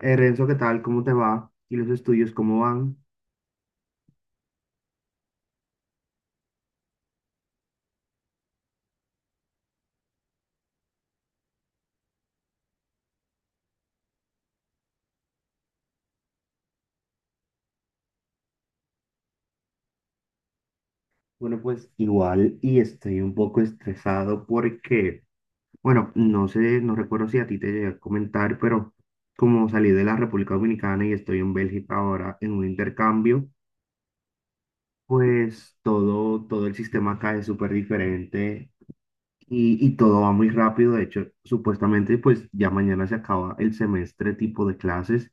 Renzo, ¿qué tal? ¿Cómo te va? ¿Y los estudios cómo van? Bueno, pues igual y estoy un poco estresado porque, bueno, no sé, no recuerdo si a ti te llegué a comentar, pero como salí de la República Dominicana y estoy en Bélgica ahora en un intercambio, pues todo el sistema acá es súper diferente y todo va muy rápido. De hecho, supuestamente, pues ya mañana se acaba el semestre tipo de clases.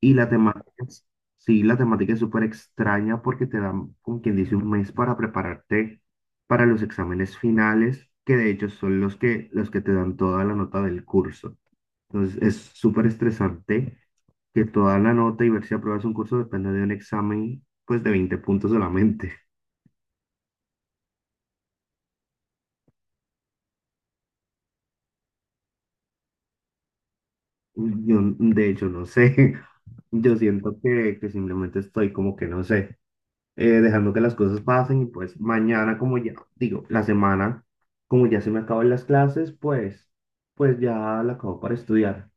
Y la temática, sí, la temática es súper extraña porque te dan, como quien dice, un mes para prepararte para los exámenes finales, que de hecho son los que te dan toda la nota del curso. Entonces es súper estresante que toda la nota y ver si apruebas un curso depende de un examen, pues de 20 puntos solamente. Yo, de hecho, no sé. Yo siento que simplemente estoy como que no sé. Dejando que las cosas pasen y pues mañana como ya, digo, la semana, como ya se me acaban las clases, pues, pues ya la acabo para estudiar.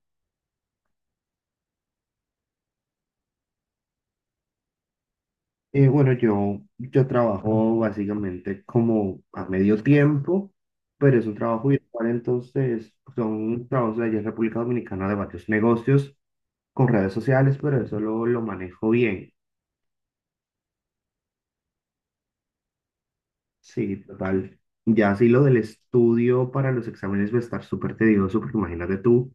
Bueno, yo trabajo básicamente como a medio tiempo, pero es un trabajo virtual, entonces son trabajos de allá en República Dominicana de varios negocios con redes sociales, pero eso lo manejo bien. Sí, total. Ya sí lo del estudio para los exámenes va a estar súper tedioso, porque imagínate tú,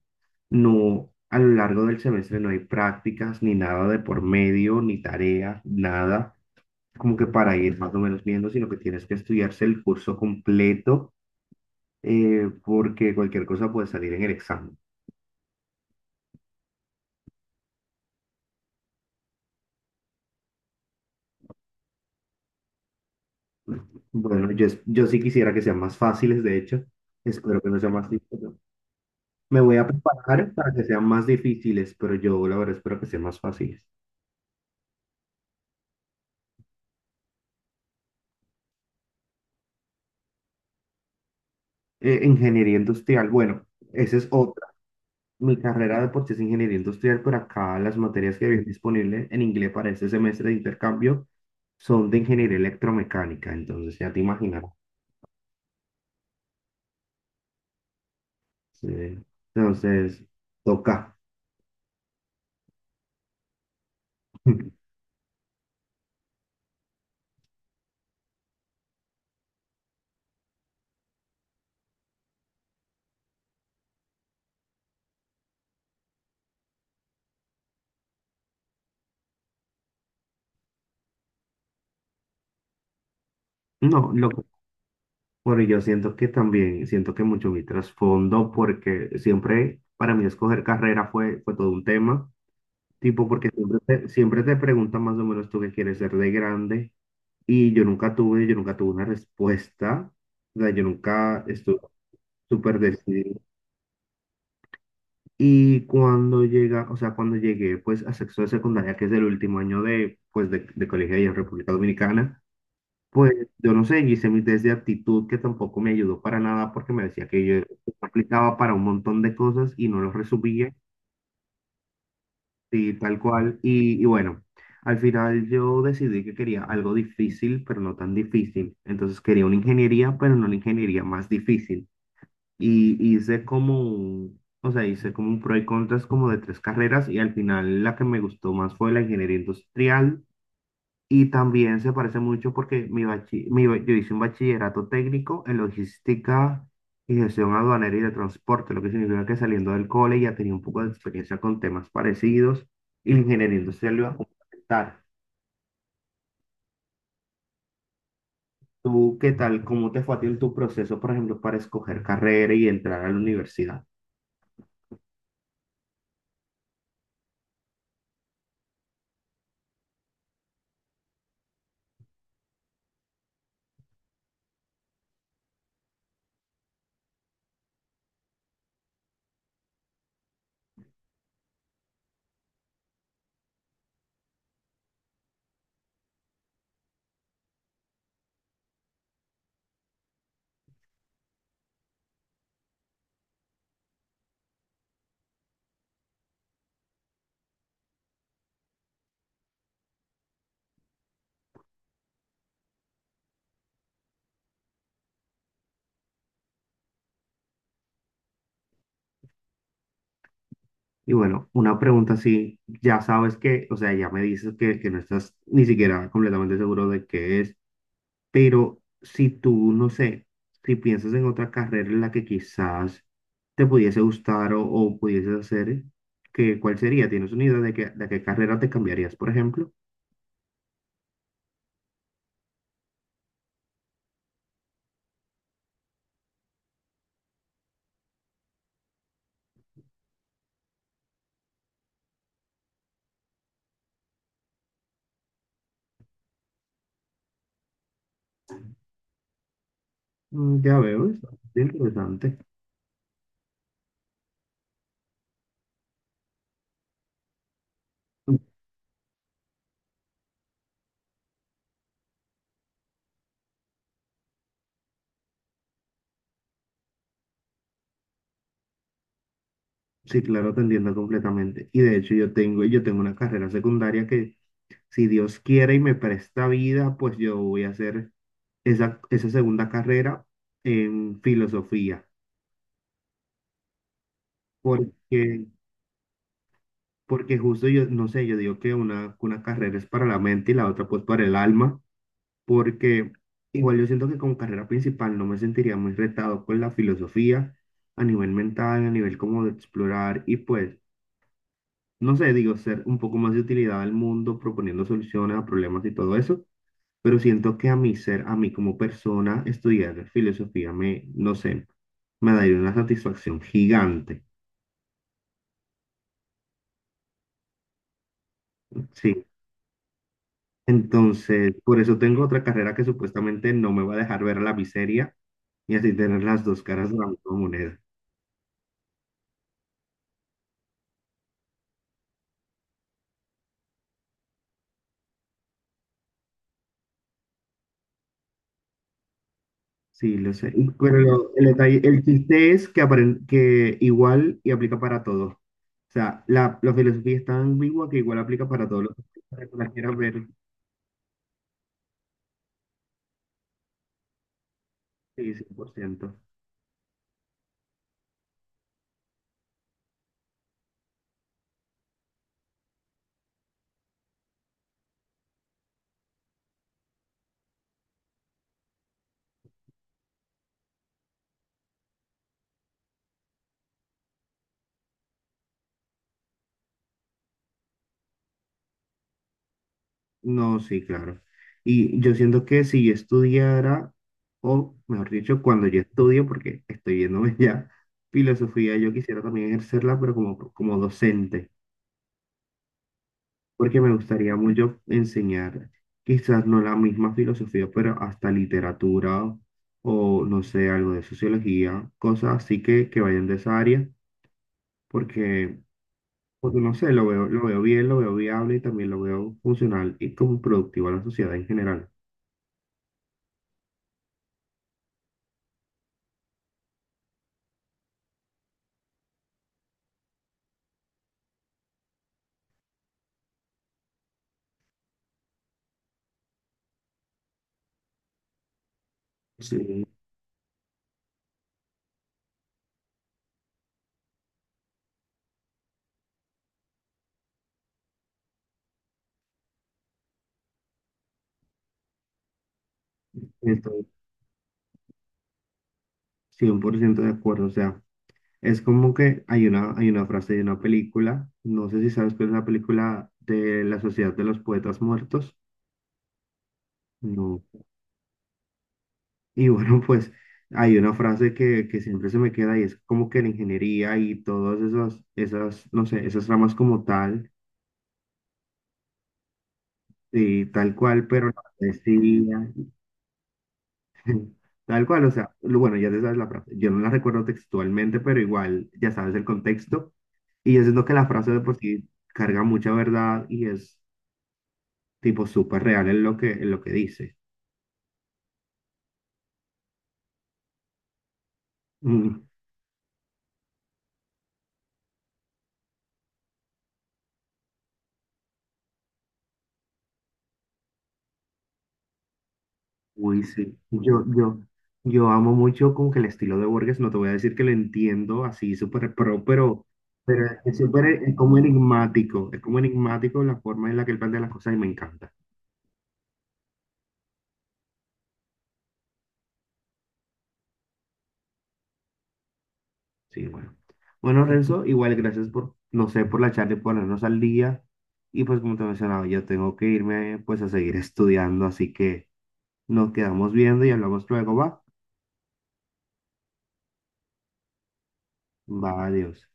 no, a lo largo del semestre no hay prácticas, ni nada de por medio, ni tarea, nada, como que para ir más o menos viendo, sino que tienes que estudiarse el curso completo, porque cualquier cosa puede salir en el examen. Bueno, yo sí quisiera que sean más fáciles, de hecho, espero que no sean más difíciles. Me voy a preparar para que sean más difíciles, pero yo la verdad espero que sean más fáciles. Ingeniería industrial, bueno, esa es otra. Mi carrera de por sí es ingeniería industrial, pero acá las materias que había disponibles en inglés para este semestre de intercambio son de ingeniería electromecánica, entonces ya te imaginas. eh, Entonces, Toca. No, lo, Pero yo siento que también, siento que mucho mi trasfondo, porque siempre para mí escoger carrera fue todo un tema, tipo, porque siempre te preguntan más o menos tú qué quieres ser de grande. Yo nunca tuve una respuesta, o sea, yo nunca estuve súper decidido. Y cuando llega, o sea, cuando llegué pues a sexto de secundaria, que es el último año pues, de colegio ahí en República Dominicana, pues yo no sé, yo hice mi test de aptitud que tampoco me ayudó para nada porque me decía que yo aplicaba para un montón de cosas y no lo resumía. Sí, tal cual. Y bueno, al final yo decidí que quería algo difícil, pero no tan difícil. Entonces quería una ingeniería, pero no una ingeniería más difícil. Y hice como un, o sea, hice como un pro y contras como de tres carreras y al final la que me gustó más fue la ingeniería industrial y también se parece mucho porque mi bachi- mi ba- yo hice un bachillerato técnico en logística y gestión aduanera y de transporte, lo que significa que saliendo del cole ya tenía un poco de experiencia con temas parecidos y la ingeniería industrial lo iba a complementar. ¿Tú qué tal? ¿Cómo te fue a ti en tu proceso, por ejemplo, para escoger carrera y entrar a la universidad? Y bueno, una pregunta así, ya sabes que, o sea, ya me dices que no estás ni siquiera completamente seguro de qué es. Pero si tú, no sé, si piensas en otra carrera en la que quizás te pudiese gustar o pudieses hacer, ¿cuál sería? ¿Tienes una idea de de qué carrera te cambiarías, por ejemplo? Mm, ya veo, es interesante. Sí, claro, te entiendo completamente. Y de hecho yo tengo una carrera secundaria que si Dios quiere y me presta vida, pues yo voy a hacer esa segunda carrera en filosofía. Porque Porque justo yo, no sé, yo digo que una carrera es para la mente y la otra pues para el alma, porque igual yo siento que como carrera principal no me sentiría muy retado con la filosofía a nivel mental, a nivel como de explorar y pues, no sé, digo, ser un poco más de utilidad al mundo, proponiendo soluciones a problemas y todo eso, pero siento que a mí como persona, estudiar filosofía me, no sé, me daría una satisfacción gigante. Sí. Entonces, por eso tengo otra carrera que supuestamente no me va a dejar ver la miseria y así tener las dos caras de la misma moneda. Sí, lo sé. El detalle, el chiste es que, que igual y aplica para todo. O sea, la filosofía es tan ambigua que igual aplica para todos los que la quieras ver, sí, 100%. No, sí, claro. Y yo siento que si yo estudiara, o mejor dicho, cuando yo estudio, porque estoy viéndome ya, filosofía, yo quisiera también ejercerla, pero como docente, porque me gustaría mucho enseñar, quizás no la misma filosofía, pero hasta literatura o, no sé, algo de sociología, cosas así que vayan de esa área, porque, porque no sé, lo veo bien, lo veo viable y también lo veo funcional y como productivo a la sociedad en general. Sí. Estoy 100% de acuerdo, o sea, es como que hay hay una frase de una película, no sé si sabes cuál es la película de la Sociedad de los Poetas Muertos, no. Y bueno, pues hay una frase que siempre se me queda y es como que la ingeniería y todas esas, no sé, esas ramas como tal, y tal cual, pero la decía, tal cual, o sea, bueno, ya te sabes la frase, yo no la recuerdo textualmente, pero igual ya sabes el contexto. Y yo siento que la frase de por sí carga mucha verdad y es tipo súper real en lo que dice. Mm, uy, sí. Yo amo mucho como que el estilo de Borges, no te voy a decir que lo entiendo así súper pro, pero es súper, es como enigmático la forma en la que él plantea las cosas y me encanta. Sí, bueno. Bueno, Renzo, igual gracias por, no sé, por la charla y ponernos al día. Y pues como te mencionaba, yo tengo que irme pues a seguir estudiando, así que... Nos quedamos viendo y hablamos luego, va. Va, adiós.